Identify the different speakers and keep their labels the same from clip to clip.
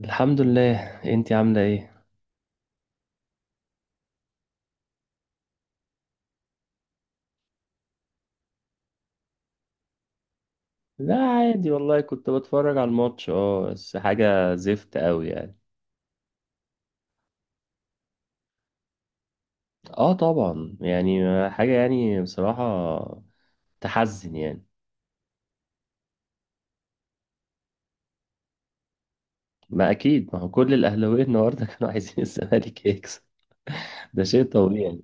Speaker 1: الحمد لله، انتي عاملة ايه؟ لا عادي والله، كنت بتفرج على الماتش، اه بس حاجة زفت قوي يعني. اه طبعا يعني، حاجة يعني بصراحة تحزن يعني. ما اكيد، ما هو كل الاهلاويه النهارده كانوا عايزين الزمالك يكسب. ده شيء طبيعي.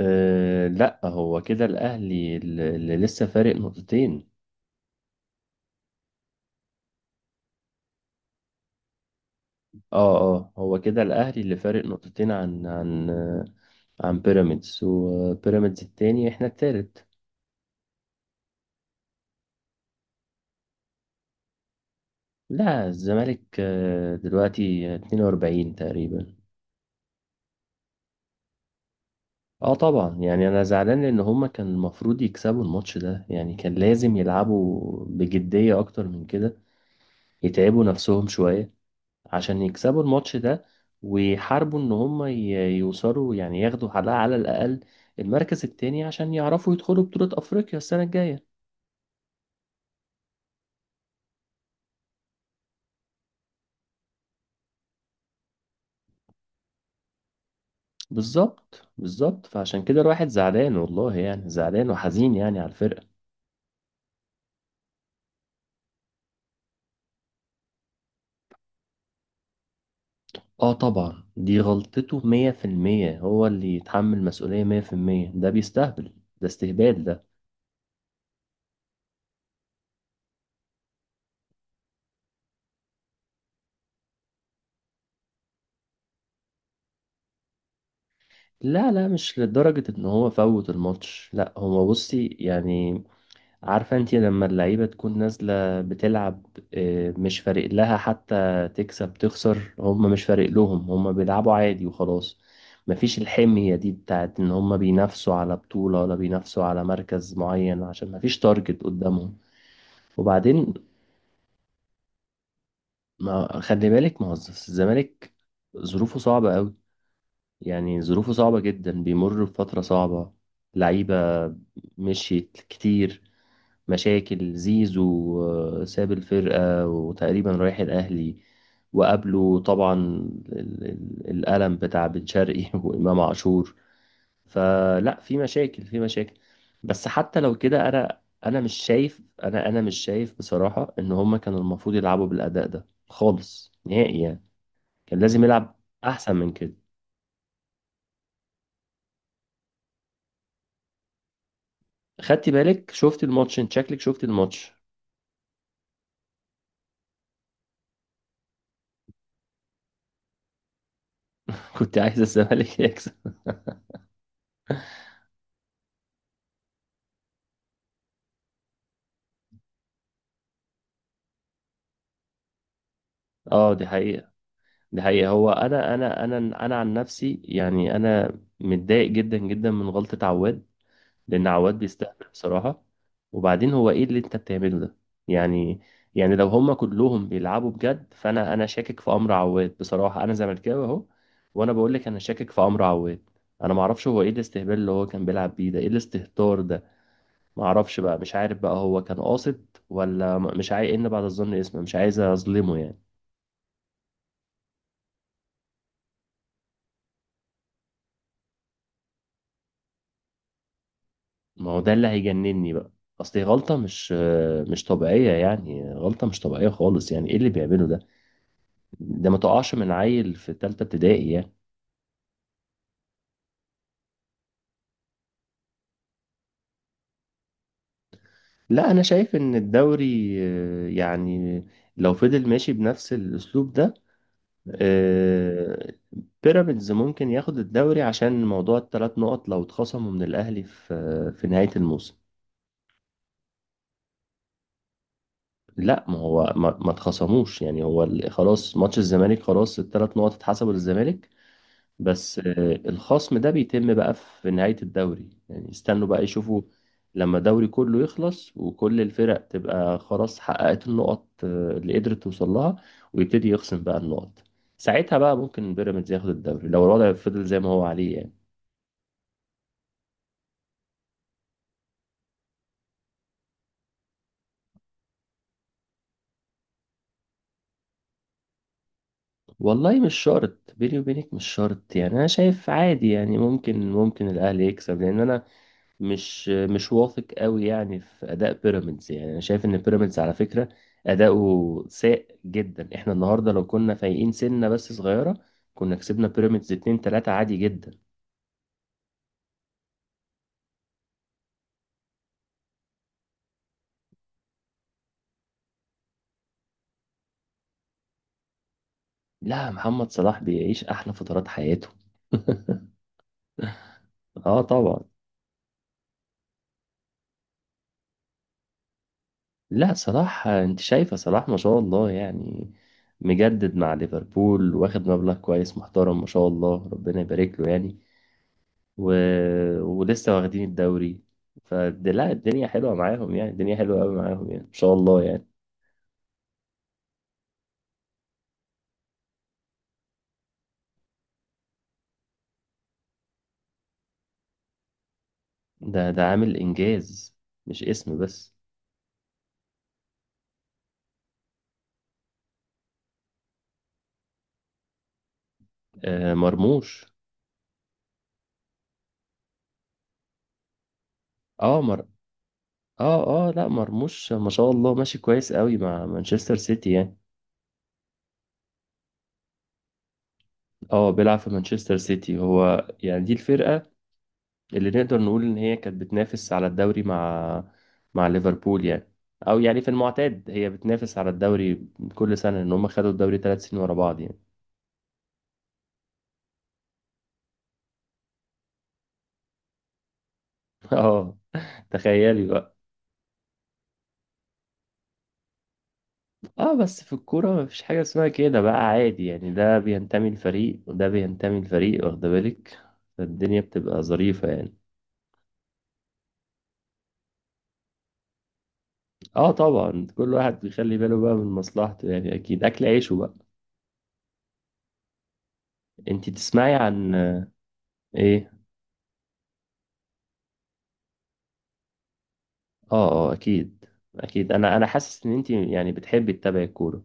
Speaker 1: أه لا، هو كده الاهلي اللي لسه فارق نقطتين. اه هو كده الاهلي اللي فارق نقطتين عن عن عن بيراميدز، وبيراميدز التاني، احنا التالت. لا الزمالك دلوقتي 42 تقريبا. اه طبعا يعني، انا زعلان لان هما كان المفروض يكسبوا الماتش ده، يعني كان لازم يلعبوا بجدية اكتر من كده، يتعبوا نفسهم شوية عشان يكسبوا الماتش ده، ويحاربوا ان هما يوصلوا يعني، ياخدوا على الاقل المركز التاني عشان يعرفوا يدخلوا بطولة افريقيا السنة الجاية. بالظبط، بالظبط، فعشان كده الواحد زعلان والله يعني، زعلان وحزين يعني على الفرقة. اه طبعا، دي غلطته مية في المية، هو اللي يتحمل مسؤولية مية في المية، ده بيستهبل، ده استهبال ده. لا لا، مش لدرجة ان هو فوت الماتش، لا هو بصي يعني، عارفة انتي لما اللعيبة تكون نازلة بتلعب، مش فارق لها حتى تكسب تخسر، هم مش فارق لهم، هم بيلعبوا عادي وخلاص. مفيش الحمية دي بتاعت ان هم بينافسوا على بطولة ولا بينافسوا على مركز معين، عشان مفيش تارجت قدامهم. وبعدين، ما خلي بالك، ما هو الزمالك ظروفه صعبة قوي، يعني ظروفه صعبة جدا، بيمر بفترة صعبة. لعيبة مشيت كتير، مشاكل زيزو، ساب الفرقة وتقريبا رايح الأهلي، وقابله طبعا الألم بتاع بن شرقي وإمام عاشور. فلا، في مشاكل، في مشاكل. بس حتى لو كده، أنا مش شايف، أنا مش شايف بصراحة إن هما كانوا المفروض يلعبوا بالأداء ده خالص نهائي يعني. كان لازم يلعب احسن من كده. خدتي بالك، شفت الماتش؟ انت شكلك شفت الماتش. كنت عايز الزمالك يكسب. اه دي حقيقة، دي حقيقة. هو انا عن نفسي يعني، انا متضايق جدا جدا من غلطة عواد، لان عواد بيستهبل بصراحة. وبعدين هو ايه اللي انت بتعمله ده يعني؟ يعني لو هما كلهم بيلعبوا بجد، فانا شاكك في امر عواد. بصراحة انا زملكاوي اهو، وانا بقول لك انا شاكك في امر عواد. انا ما اعرفش هو ايه الاستهبال اللي هو كان بيلعب بيه ده، ايه الاستهتار ده. ما اعرفش بقى، مش عارف بقى هو كان قاصد ولا مش عايز، ان بعد الظن اسمه، مش عايز اظلمه يعني. ما هو ده اللي هيجنني بقى، اصل هي غلطة مش طبيعية يعني، غلطة مش طبيعية خالص يعني. ايه اللي بيعمله ده؟ ده ما تقعش من عيل في تالتة ابتدائي يعني. لا انا شايف ان الدوري يعني لو فضل ماشي بنفس الاسلوب ده، آه، بيراميدز ممكن ياخد الدوري، عشان موضوع الثلاث نقط لو اتخصموا من الاهلي في نهاية الموسم. لا ما هو ما اتخصموش يعني، هو خلاص ماتش الزمالك خلاص، الثلاث نقط اتحسبوا للزمالك، بس الخصم ده بيتم بقى في نهاية الدوري يعني، استنوا بقى يشوفوا لما الدوري كله يخلص، وكل الفرق تبقى خلاص حققت النقط اللي قدرت توصل لها، ويبتدي يخصم بقى النقط. ساعتها بقى ممكن بيراميدز ياخد الدوري لو الوضع فضل زي ما هو عليه يعني. والله مش شرط، بيني وبينك مش شرط يعني. انا شايف عادي يعني، ممكن، ممكن الاهلي يكسب، لان انا مش واثق قوي يعني في اداء بيراميدز. يعني انا شايف ان بيراميدز على فكره اداؤه سيء جدا. احنا النهارده لو كنا فايقين سنه بس صغيره كنا كسبنا بيراميدز 2 3 عادي جدا. لا محمد صلاح بيعيش احلى فترات حياته. اه طبعا. لا صلاح، انت شايفه صلاح ما شاء الله يعني، مجدد مع ليفربول، واخد مبلغ كويس محترم، ما شاء الله ربنا يبارك له يعني. و... ولسه واخدين الدوري لا، الدنيا حلوة معاهم يعني، الدنيا حلوة قوي معاهم يعني، إن شاء الله يعني. ده عامل إنجاز، مش اسم بس. آه مرموش. اه مر اه اه لا مرموش ما شاء الله، ماشي كويس قوي مع مانشستر سيتي يعني. اه بيلعب في مانشستر سيتي هو يعني، دي الفرقة اللي نقدر نقول ان هي كانت بتنافس على الدوري مع ليفربول يعني، او يعني في المعتاد هي بتنافس على الدوري كل سنة، ان هم خدوا الدوري ثلاث سنين ورا بعض يعني. اه، تخيلي بقى. اه بس في الكورة مفيش حاجة اسمها كده بقى، عادي يعني، ده بينتمي لفريق وده بينتمي لفريق، واخدة بالك، فالدنيا بتبقى ظريفة يعني. اه طبعا، كل واحد بيخلي باله بقى من مصلحته يعني، اكيد اكل عيشه بقى. انتي تسمعي عن ايه؟ اه اكيد، اكيد. انا حاسس ان انتي يعني بتحبي تتابعي الكورة،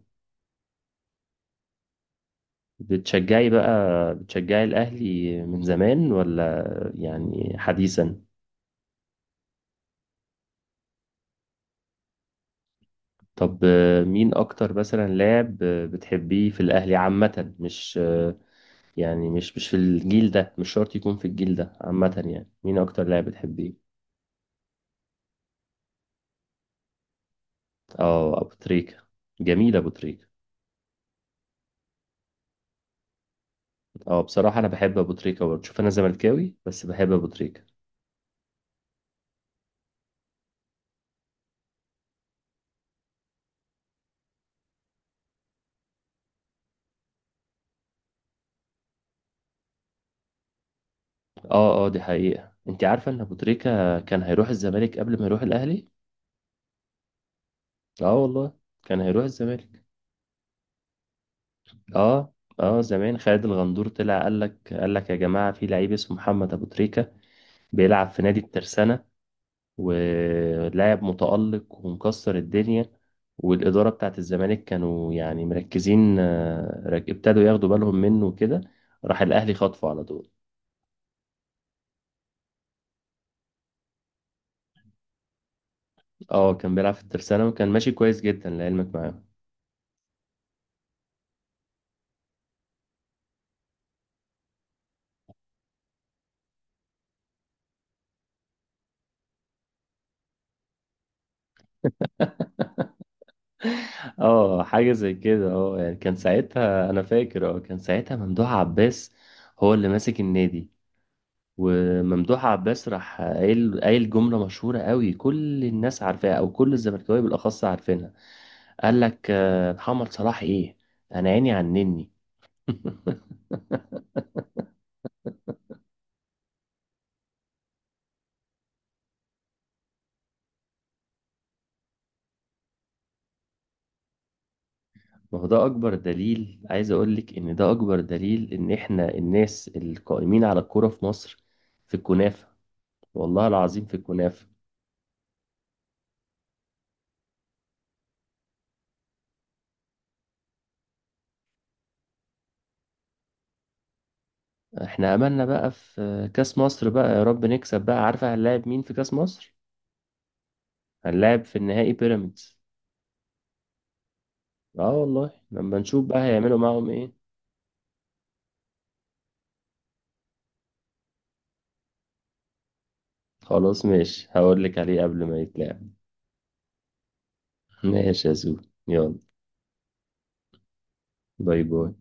Speaker 1: بتشجعي بقى، بتشجعي الاهلي من زمان ولا يعني حديثا؟ طب مين اكتر مثلا لاعب بتحبيه في الاهلي عامة، مش يعني، مش في الجيل ده، مش شرط يكون في الجيل ده، عامة يعني مين اكتر لاعب بتحبيه. اه ابو تريكة، جميل ابو تريكة. اه بصراحة انا بحب ابو تريكة برضه، شوف انا زملكاوي بس بحب ابو تريكة. اه دي حقيقة. انت عارفة ان ابو تريكة كان هيروح الزمالك قبل ما يروح الاهلي؟ اه والله، كان هيروح الزمالك. اه، اه زمان خالد الغندور طلع، قال لك يا جماعة في لعيب اسمه محمد ابو تريكة، بيلعب في نادي الترسانة، ولاعب متألق ومكسر الدنيا. والإدارة بتاعت الزمالك كانوا يعني مركزين، ابتدوا ياخدوا بالهم منه وكده، راح الأهلي خطفه على طول. اه كان بيلعب في الترسانة، وكان ماشي كويس جدا لعلمك معاهم. اه حاجة زي كده. اه يعني كان ساعتها، أنا فاكر اه، كان ساعتها ممدوح عباس هو اللي ماسك النادي. وممدوح عباس راح قايل جملة مشهورة قوي كل الناس عارفاها، أو كل الزملكاوية بالأخص عارفينها. قال لك محمد صلاح ايه، انا عيني عنني. ما هو ده اكبر دليل، عايز اقول لك ان ده اكبر دليل ان احنا الناس القائمين على الكوره في مصر في الكنافه، والله العظيم في الكنافه. احنا املنا بقى في كاس مصر بقى، يا رب نكسب بقى. عارفه هنلاعب مين في كاس مصر؟ هنلاعب في النهائي بيراميدز. اه والله، لما نشوف بقى هيعملوا معاهم ايه. خلاص ماشي، هقول لك عليه قبل ما يتلعب. ماشي يا زو، يلا. باي باي.